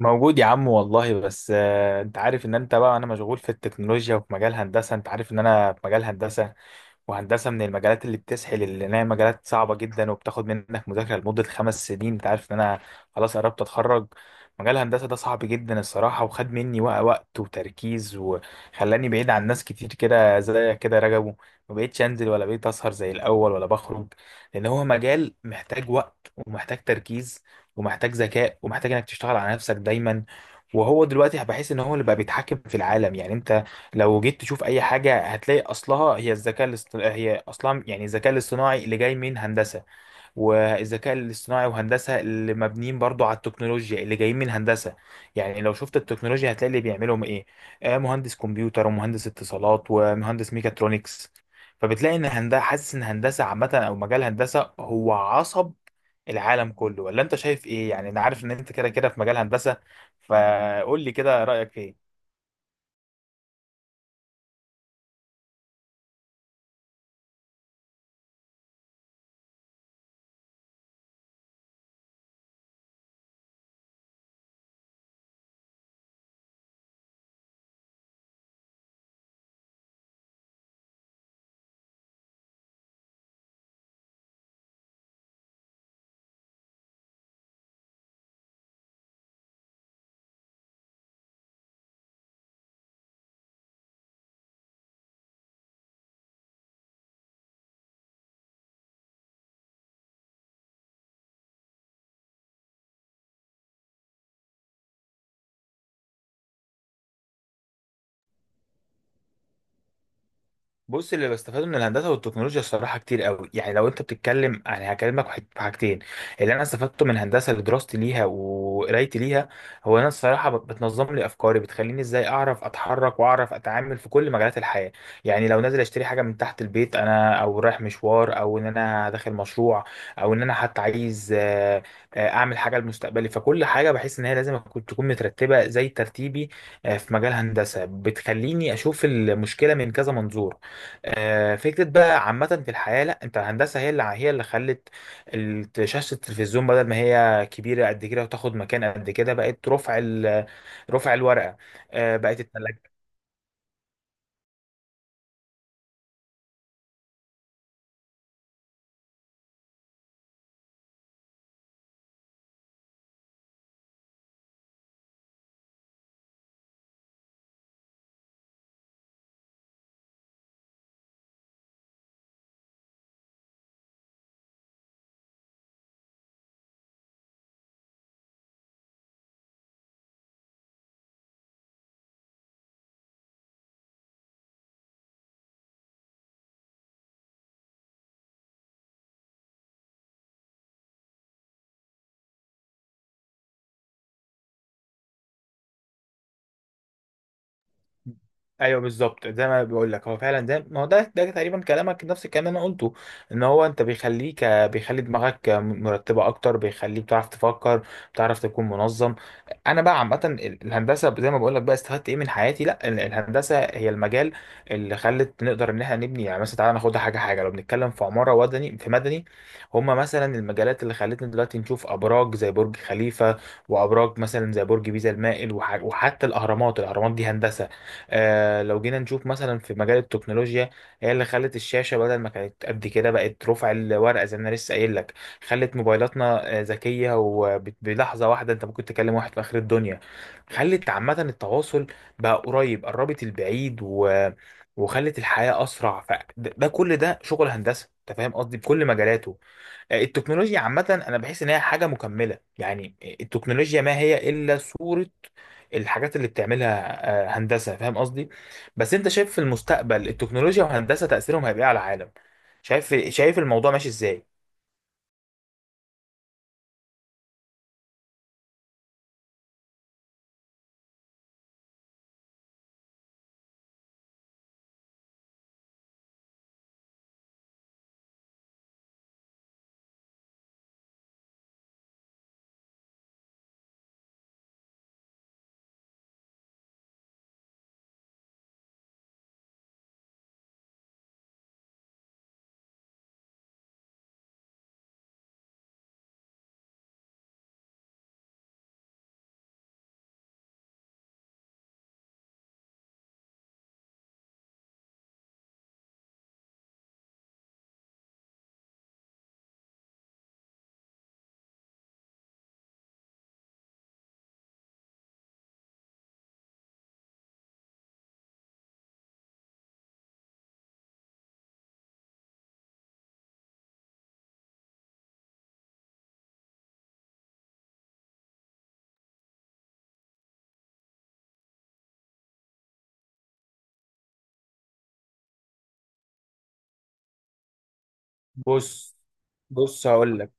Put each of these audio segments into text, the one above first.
موجود يا عم والله، بس انت عارف ان انت بقى انا مشغول في التكنولوجيا وفي مجال هندسة. انت عارف ان انا في مجال هندسة، وهندسة من المجالات اللي بتسحل، اللي هي مجالات صعبة جدا وبتاخد منك مذاكرة لمدة 5 سنين. انت عارف ان انا خلاص قربت اتخرج. مجال الهندسة ده صعب جدا الصراحة، وخد مني وقت وتركيز، وخلاني بعيد عن ناس كتير، كده زي كده رجبوا. ما بقيتش انزل ولا بقيت اسهر زي الاول ولا بخرج، لان هو مجال محتاج وقت ومحتاج تركيز ومحتاج ذكاء ومحتاج انك تشتغل على نفسك دايما. وهو دلوقتي بحس ان هو اللي بقى بيتحكم في العالم. يعني انت لو جيت تشوف اي حاجه هتلاقي اصلها هي الذكاء الاصطناعي، هي اصلا يعني الذكاء الاصطناعي اللي جاي من هندسه، والذكاء الاصطناعي وهندسه اللي مبنيين برضو على التكنولوجيا اللي جايين من هندسه. يعني لو شفت التكنولوجيا هتلاقي اللي بيعملهم ايه؟ مهندس كمبيوتر ومهندس اتصالات ومهندس ميكاترونكس. فبتلاقي ان هندسه، حاسس ان هندسه عامه او مجال هندسه هو عصب العالم كله. ولا انت شايف ايه؟ يعني انا عارف ان انت كده كده في مجال هندسه، فقول لي كده رايك ايه؟ بص، اللي بستفاده من الهندسه والتكنولوجيا الصراحه كتير قوي. يعني لو انت بتتكلم، يعني هكلمك في حاجتين. اللي انا استفدته من هندسه لدراستي ليها وقرايتي ليها، هو انا الصراحه بتنظم لي افكاري، بتخليني ازاي اعرف اتحرك واعرف اتعامل في كل مجالات الحياه. يعني لو نازل اشتري حاجه من تحت البيت انا، او رايح مشوار، او ان انا داخل مشروع، او ان انا حتى عايز اعمل حاجه لمستقبلي، فكل حاجه بحس ان هي لازم تكون مترتبه زي ترتيبي. في مجال هندسه بتخليني اشوف المشكله من كذا منظور، فكرة بقى عامة في الحياة. لا انت الهندسة هي اللي خلت شاشة التلفزيون، بدل ما هي كبيرة قد كده وتاخد مكان قد كده، بقت رفع رفع الورقة. بقت التلاجة. ايوه بالظبط زي ما بقول لك. هو فعلا ده ما هو ده تقريبا كلامك نفس الكلام اللي انا قلته. ان هو انت بيخليك، بيخلي دماغك مرتبه اكتر، بيخليك بتعرف تفكر، بتعرف تكون منظم. انا بقى عامه الهندسه زي ما بقول لك بقى، استفدت ايه من حياتي؟ لا الهندسه هي المجال اللي خلت نقدر ان احنا نبني. يعني مثلا تعالى ناخدها حاجه حاجه، لو بنتكلم في عماره وطني في مدني، هما مثلا المجالات اللي خلتنا دلوقتي نشوف ابراج زي برج خليفه، وابراج مثلا زي برج بيزا المائل، وحتى الاهرامات. الاهرامات دي هندسه. لو جينا نشوف مثلا في مجال التكنولوجيا، هي اللي خلت الشاشة بدل ما كانت قد كده بقت رفع الورقة زي ما انا لسه قايل لك. خلت موبايلاتنا ذكية، وبلحظة واحدة انت ممكن تكلم واحد في آخر الدنيا. خلت عامة التواصل بقى قريب، قربت البعيد وخلت الحياة أسرع. فده كل ده شغل هندسة. أنت فاهم قصدي؟ بكل مجالاته. التكنولوجيا عامة أنا بحس إن هي حاجة مكملة، يعني التكنولوجيا ما هي إلا صورة الحاجات اللي بتعملها، هندسة. فاهم قصدي؟ بس أنت شايف في المستقبل التكنولوجيا وهندسة تأثيرهم هيبقى إيه على العالم؟ شايف شايف الموضوع ماشي إزاي؟ بص بص، هقول لك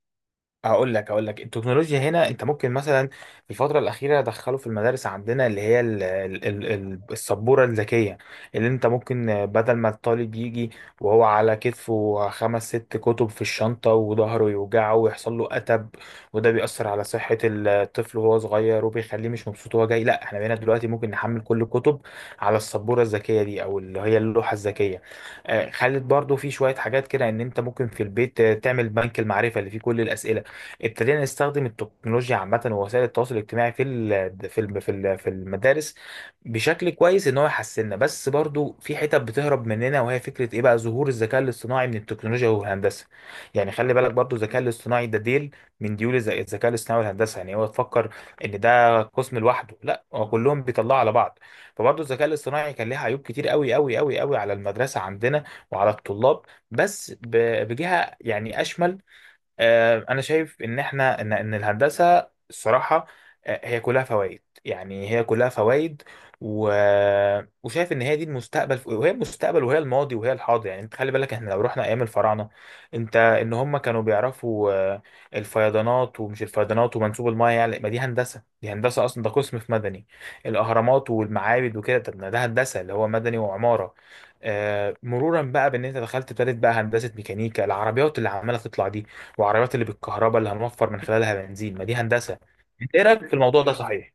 هقول لك هقول لك التكنولوجيا هنا انت ممكن مثلا. في الفتره الاخيره دخلوا في المدارس عندنا اللي هي السبوره الذكيه، اللي انت ممكن، بدل ما الطالب يجي وهو على كتفه خمس ست كتب في الشنطه وظهره يوجعه ويحصل له اتب، وده بيأثر على صحه الطفل وهو صغير، وبيخليه مش مبسوط وهو جاي. لا احنا بقينا دلوقتي ممكن نحمل كل الكتب على السبوره الذكيه دي، او اللي هي اللوحه الذكيه. خلت برضو في شويه حاجات كده ان انت ممكن في البيت تعمل بنك المعرفه اللي فيه كل الاسئله. ابتدينا نستخدم التكنولوجيا عامة ووسائل التواصل الاجتماعي في المدارس بشكل كويس، ان هو يحسننا. بس برضو في حتت بتهرب مننا، وهي فكرة ايه بقى؟ ظهور الذكاء الاصطناعي من التكنولوجيا والهندسة. يعني خلي بالك برضو الذكاء الاصطناعي ده ديل من ديول الذكاء الاصطناعي والهندسة. يعني هو تفكر ان ده قسم لوحده؟ لا هو كلهم بيطلعوا على بعض. فبرضو الذكاء الاصطناعي كان ليه عيوب كتير قوي قوي قوي قوي على المدرسة عندنا وعلى الطلاب. بس بجهة يعني اشمل، انا شايف ان احنا ان الهندسه الصراحه، هي كلها فوائد، يعني هي كلها فوائد، و... وشايف ان هي دي المستقبل، وهي المستقبل وهي الماضي وهي الحاضر. يعني انت خلي بالك احنا لو رحنا ايام الفراعنه، انت ان هم كانوا بيعرفوا الفيضانات ومش الفيضانات ومنسوب المايه، يعني ما دي هندسه، دي هندسه اصلا، ده قسم في مدني. الاهرامات والمعابد وكده، طب ما ده هندسه اللي هو مدني وعماره. مرورا بقى بان انت دخلت ابتدت بقى هندسه ميكانيكا، العربيات اللي عماله تطلع دي، وعربيات اللي بالكهرباء اللي هنوفر من خلالها بنزين، ما دي هندسه. انت ايه رايك في الموضوع ده؟ صحيح؟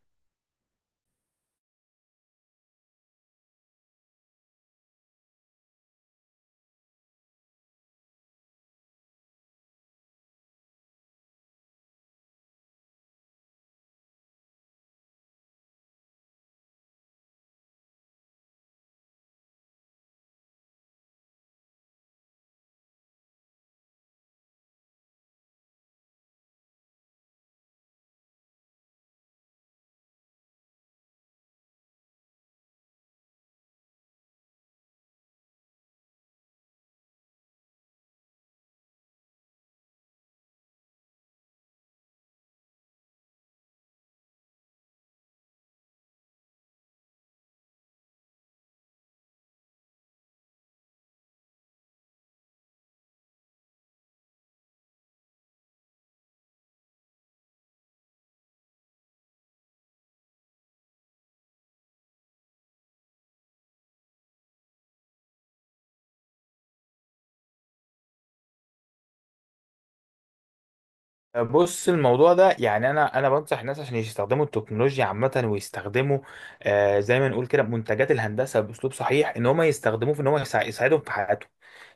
بص الموضوع ده يعني، انا بنصح الناس عشان يستخدموا التكنولوجيا عامه، ويستخدموا زي ما نقول كده منتجات الهندسه باسلوب صحيح، ان هم يستخدموه في ان هم يساعدهم في حياتهم،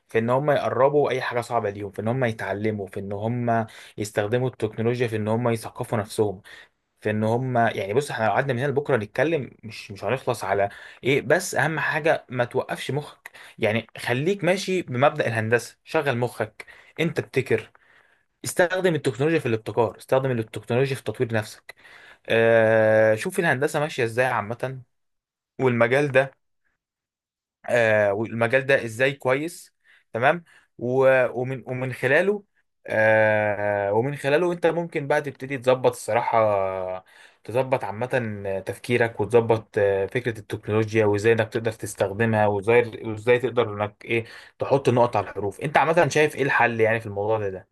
في ان هم يقربوا اي حاجه صعبه ليهم، في ان هم يتعلموا، في ان هم يستخدموا التكنولوجيا في ان هم يثقفوا نفسهم، في ان هم يعني. بص احنا لو قعدنا من هنا لبكره نتكلم مش هنخلص على ايه. بس اهم حاجه ما توقفش مخك، يعني خليك ماشي بمبدأ الهندسه، شغل مخك، انت ابتكر. استخدم التكنولوجيا في الابتكار، استخدم التكنولوجيا في تطوير نفسك. شوف الهندسه ماشيه ازاي عامه، والمجال ده، والمجال ده ازاي كويس. تمام. ومن خلاله، ومن خلاله انت ممكن بقى تبتدي تظبط الصراحة، تظبط عامة تفكيرك، وتظبط فكرة التكنولوجيا، وازاي انك تقدر تستخدمها، وازاي تقدر انك ايه، تحط النقط على الحروف. انت عامة شايف ايه الحل يعني في الموضوع ده؟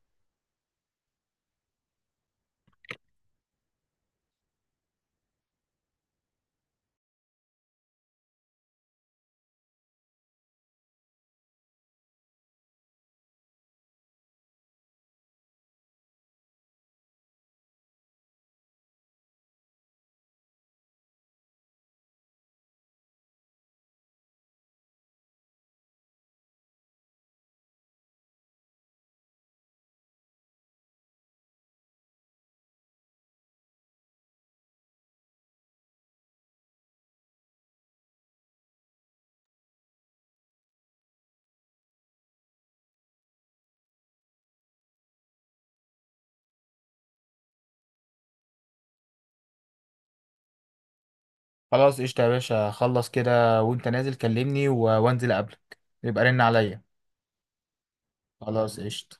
خلاص قشطة يا باشا، خلص كده وانت نازل كلمني، وانزل قبلك، يبقى رن عليا. خلاص قشطة.